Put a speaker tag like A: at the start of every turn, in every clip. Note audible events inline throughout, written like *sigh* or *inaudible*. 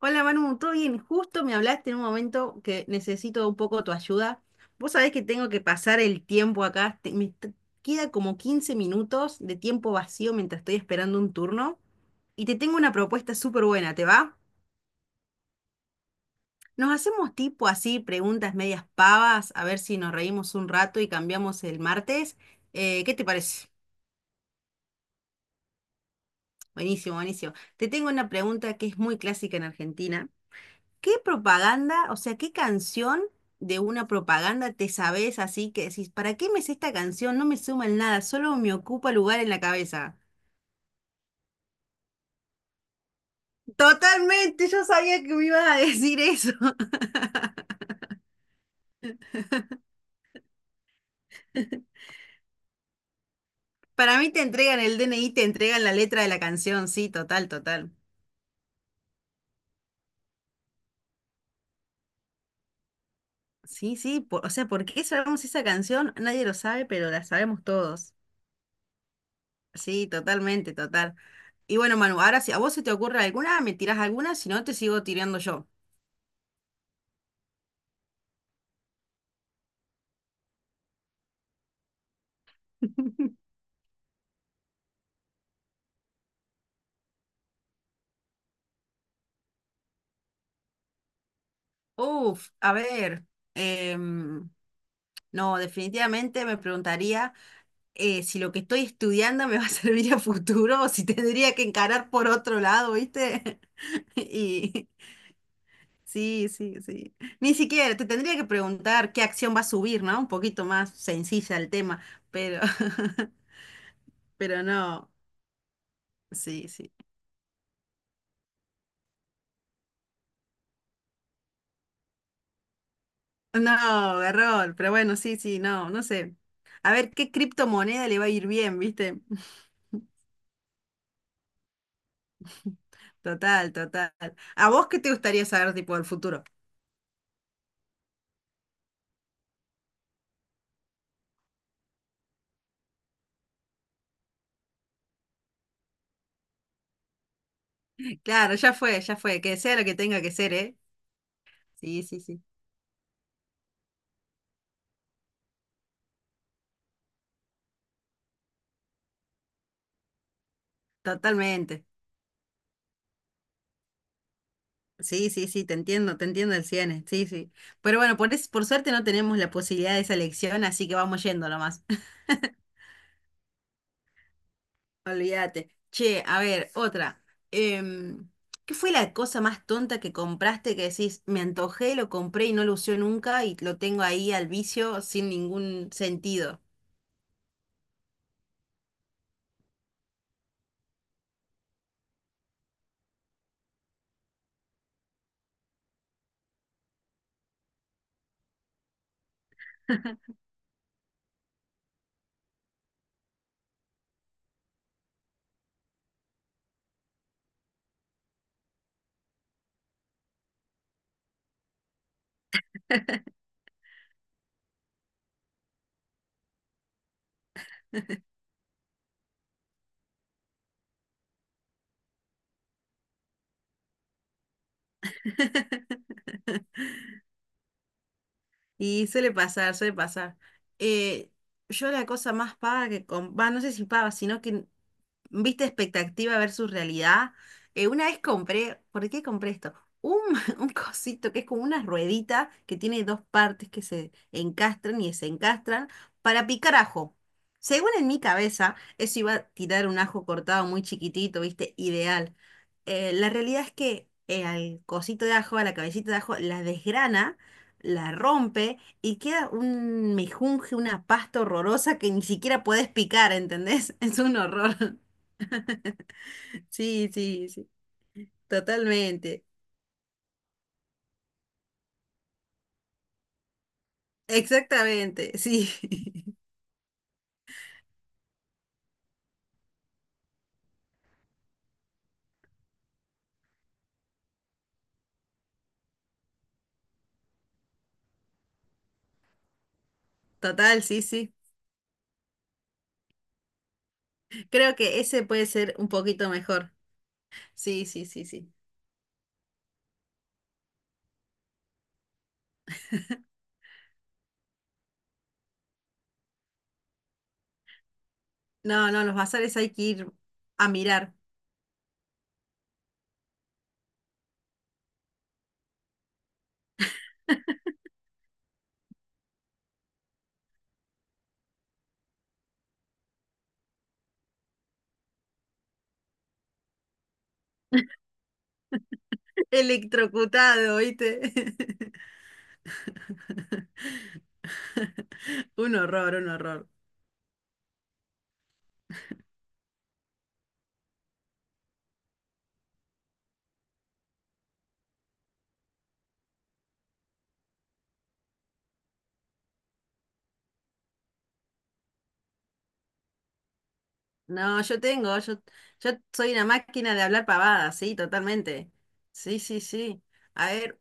A: Hola Manu, ¿todo bien? Justo me hablaste en un momento que necesito un poco tu ayuda. Vos sabés que tengo que pasar el tiempo acá, queda como 15 minutos de tiempo vacío mientras estoy esperando un turno y te tengo una propuesta súper buena, ¿te va? Nos hacemos tipo así, preguntas medias pavas, a ver si nos reímos un rato y cambiamos el martes. ¿Qué te parece? Buenísimo, buenísimo. Te tengo una pregunta que es muy clásica en Argentina. ¿Qué propaganda, o sea, qué canción de una propaganda te sabes así que decís, ¿para qué me sé esta canción? No me suma en nada, solo me ocupa lugar en la cabeza. Totalmente, yo sabía que me ibas a decir eso. *laughs* Para mí te entregan el DNI, te entregan la letra de la canción, sí, total, total. Sí, sí, o sea, ¿por qué sabemos esa canción? Nadie lo sabe, pero la sabemos todos. Sí, totalmente, total. Y bueno, Manu, ahora si a vos se te ocurre alguna, me tirás alguna, si no te sigo tirando yo. Uf, a ver, em, no, definitivamente me preguntaría si lo que estoy estudiando me va a *laughs* servir a futuro o si tendría que encarar por otro lado, ¿viste? *laughs* Y sí, sí, sí. Ni siquiera te tendría que preguntar qué acción va a subir, ¿no? Un poquito más sencilla el tema, pero, *laughs* pero no, sí, sí. No, error, pero bueno, sí, sí, no, no sé. A ver qué criptomoneda le va a ir bien, ¿viste? Total, total. ¿A vos qué te gustaría saber, tipo, del futuro? Claro, ya fue, ya fue. Que sea lo que tenga que ser, ¿eh? Sí, sí, sí. Totalmente. Sí, sí, sí, te entiendo el 100, sí, sí. Pero bueno, por suerte no tenemos la posibilidad de esa elección, así que vamos yendo nomás. *laughs* Olvídate. Che, a ver, otra. Em, ¿Qué fue la cosa más tonta que compraste que decís, me antojé, lo compré y no lo usé nunca y lo tengo ahí al vicio sin ningún sentido? *laughs* Y suele pasar, suele pasar. Eh, yo la cosa más paga que... Va, no sé si paga, sino que viste, expectativa versus realidad. Una vez compré, ¿por qué compré esto? Un, *laughs* un cosito que es como una ruedita que tiene dos partes que se encastran y desencastran para picar ajo. Según en mi cabeza, eso iba a tirar un ajo cortado muy chiquitito, viste, ideal. La realidad es que al cosito de ajo, a la cabecita de ajo, la desgrana, la rompe y queda un mejunje, una pasta horrorosa que ni siquiera puedes picar, ¿entendés? *laughs* Es un horror. Sí, sí, sí, totalmente. Exactamente, sí. *laughs* Total, sí, sí. Creo que ese puede ser un poquito mejor. Sí, sí, sí, sí. No, no, los bazares hay que ir a mirar. *laughs* Electrocutado, ¿oíste? *laughs* Un horror, un horror. No, yo tengo, yo soy una máquina de hablar pavadas, sí, totalmente. Sí, sí, sí. A ver,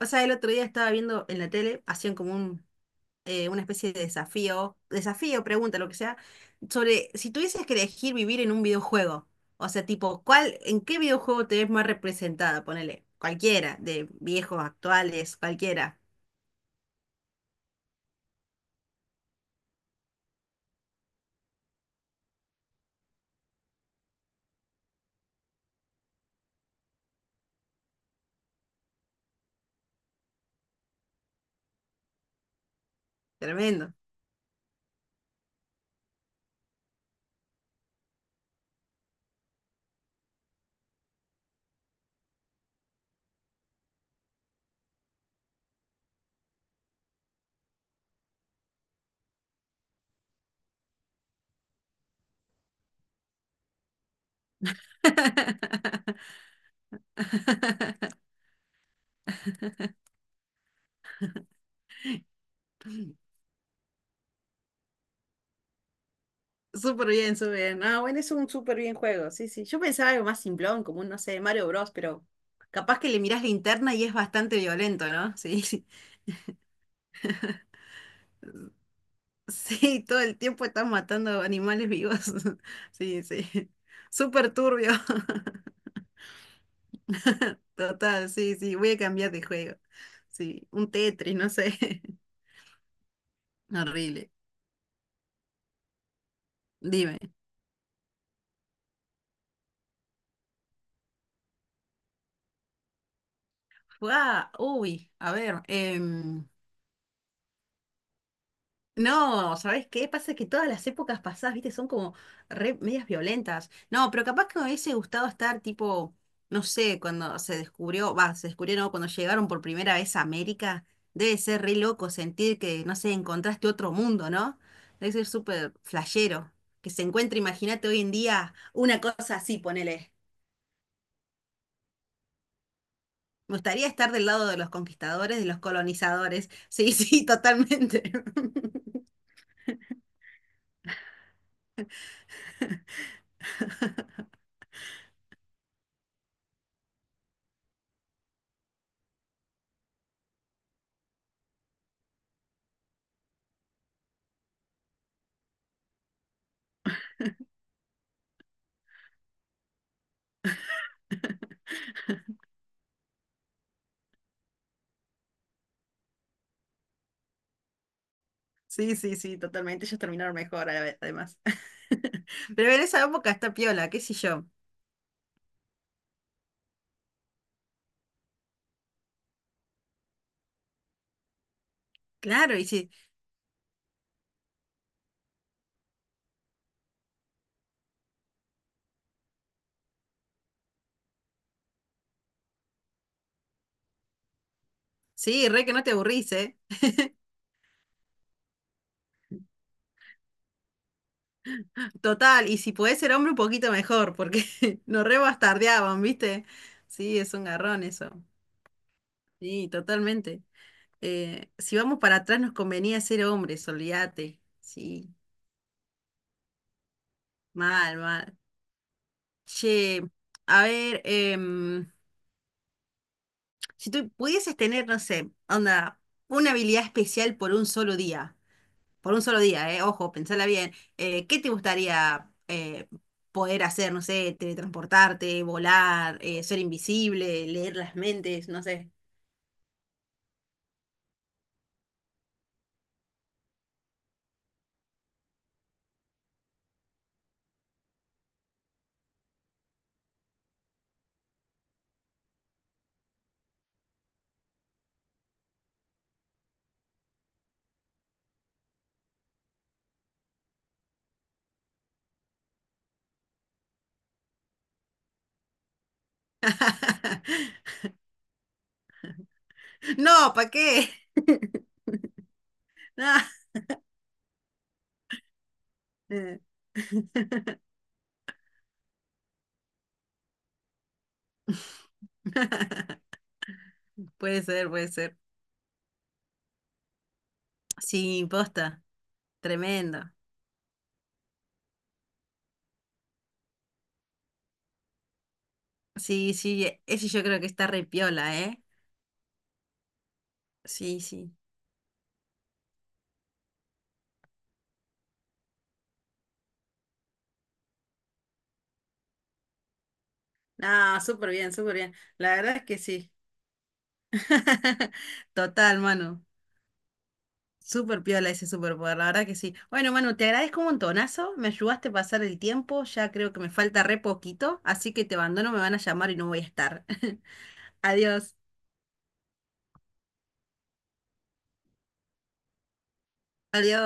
A: o sea, el otro día estaba viendo en la tele, hacían como un una especie de desafío, desafío, pregunta, lo que sea, sobre si tuvieses que elegir vivir en un videojuego, o sea, tipo, ¿cuál, en qué videojuego te ves más representada? Ponele, cualquiera, de viejos, actuales, cualquiera. Tremendo. *laughs* Súper bien, súper bien. Ah, bueno, es un súper bien juego. Sí, sí. Yo pensaba algo más simplón, como un, no sé, Mario Bros, pero capaz que le mirás la interna y es bastante violento, ¿no? *laughs* Sí, sí, todo el tiempo estás matando animales vivos. *laughs* Sí, sí. Súper turbio. *laughs* Total, sí, sí. Voy a cambiar de juego. Sí, un Tetris, no sé. *laughs* Horrible. Dime. Fua, uy, a ver. No, ¿sabes qué? Pasa que todas las épocas pasadas, viste, son como re medias violentas. No, pero capaz que me hubiese gustado estar tipo, no sé, cuando se descubrió, va, se descubrió, no, cuando llegaron por primera vez a América, debe ser re loco sentir que, no sé, encontraste otro mundo, ¿no? Debe ser súper flashero. Que se encuentre, imagínate hoy en día, una cosa así, ponele. Me gustaría estar del lado de los conquistadores, de los colonizadores. Sí, *laughs* sí, totalmente. Sí, sí, sí, totalmente. Ellos terminaron mejor, además. *laughs* Pero en esa época está piola, qué sé yo. Claro, y sí, sí, re que no te aburrís, ¿eh? Total, y si podés ser hombre un poquito mejor, porque *laughs* nos re bastardeaban, ¿viste? Sí, es un garrón eso. Sí, totalmente. Si vamos para atrás nos convenía ser hombres, olvídate. Sí, mal, mal. Che, a ver, si tú pudieses tener, no sé, onda, una habilidad especial por un solo día. Por un solo día, ojo, pensala bien, ¿qué te gustaría poder hacer? No sé, teletransportarte, volar, ser invisible, leer las mentes, no sé. *laughs* No, ¿para qué? *laughs* No. Eh, *laughs* Puede ser, puede ser. Sí, posta, tremendo. Sí, sí, ese yo creo que está re piola, ¿eh? Sí, sí. No, súper bien, súper bien. La verdad es que sí. *laughs* Total, mano. Súper piola ese superpoder, la verdad que sí. Bueno, Manu, te agradezco un montonazo, me ayudaste a pasar el tiempo, ya creo que me falta re poquito, así que te abandono, me van a llamar y no voy a estar. *laughs* Adiós, adiós.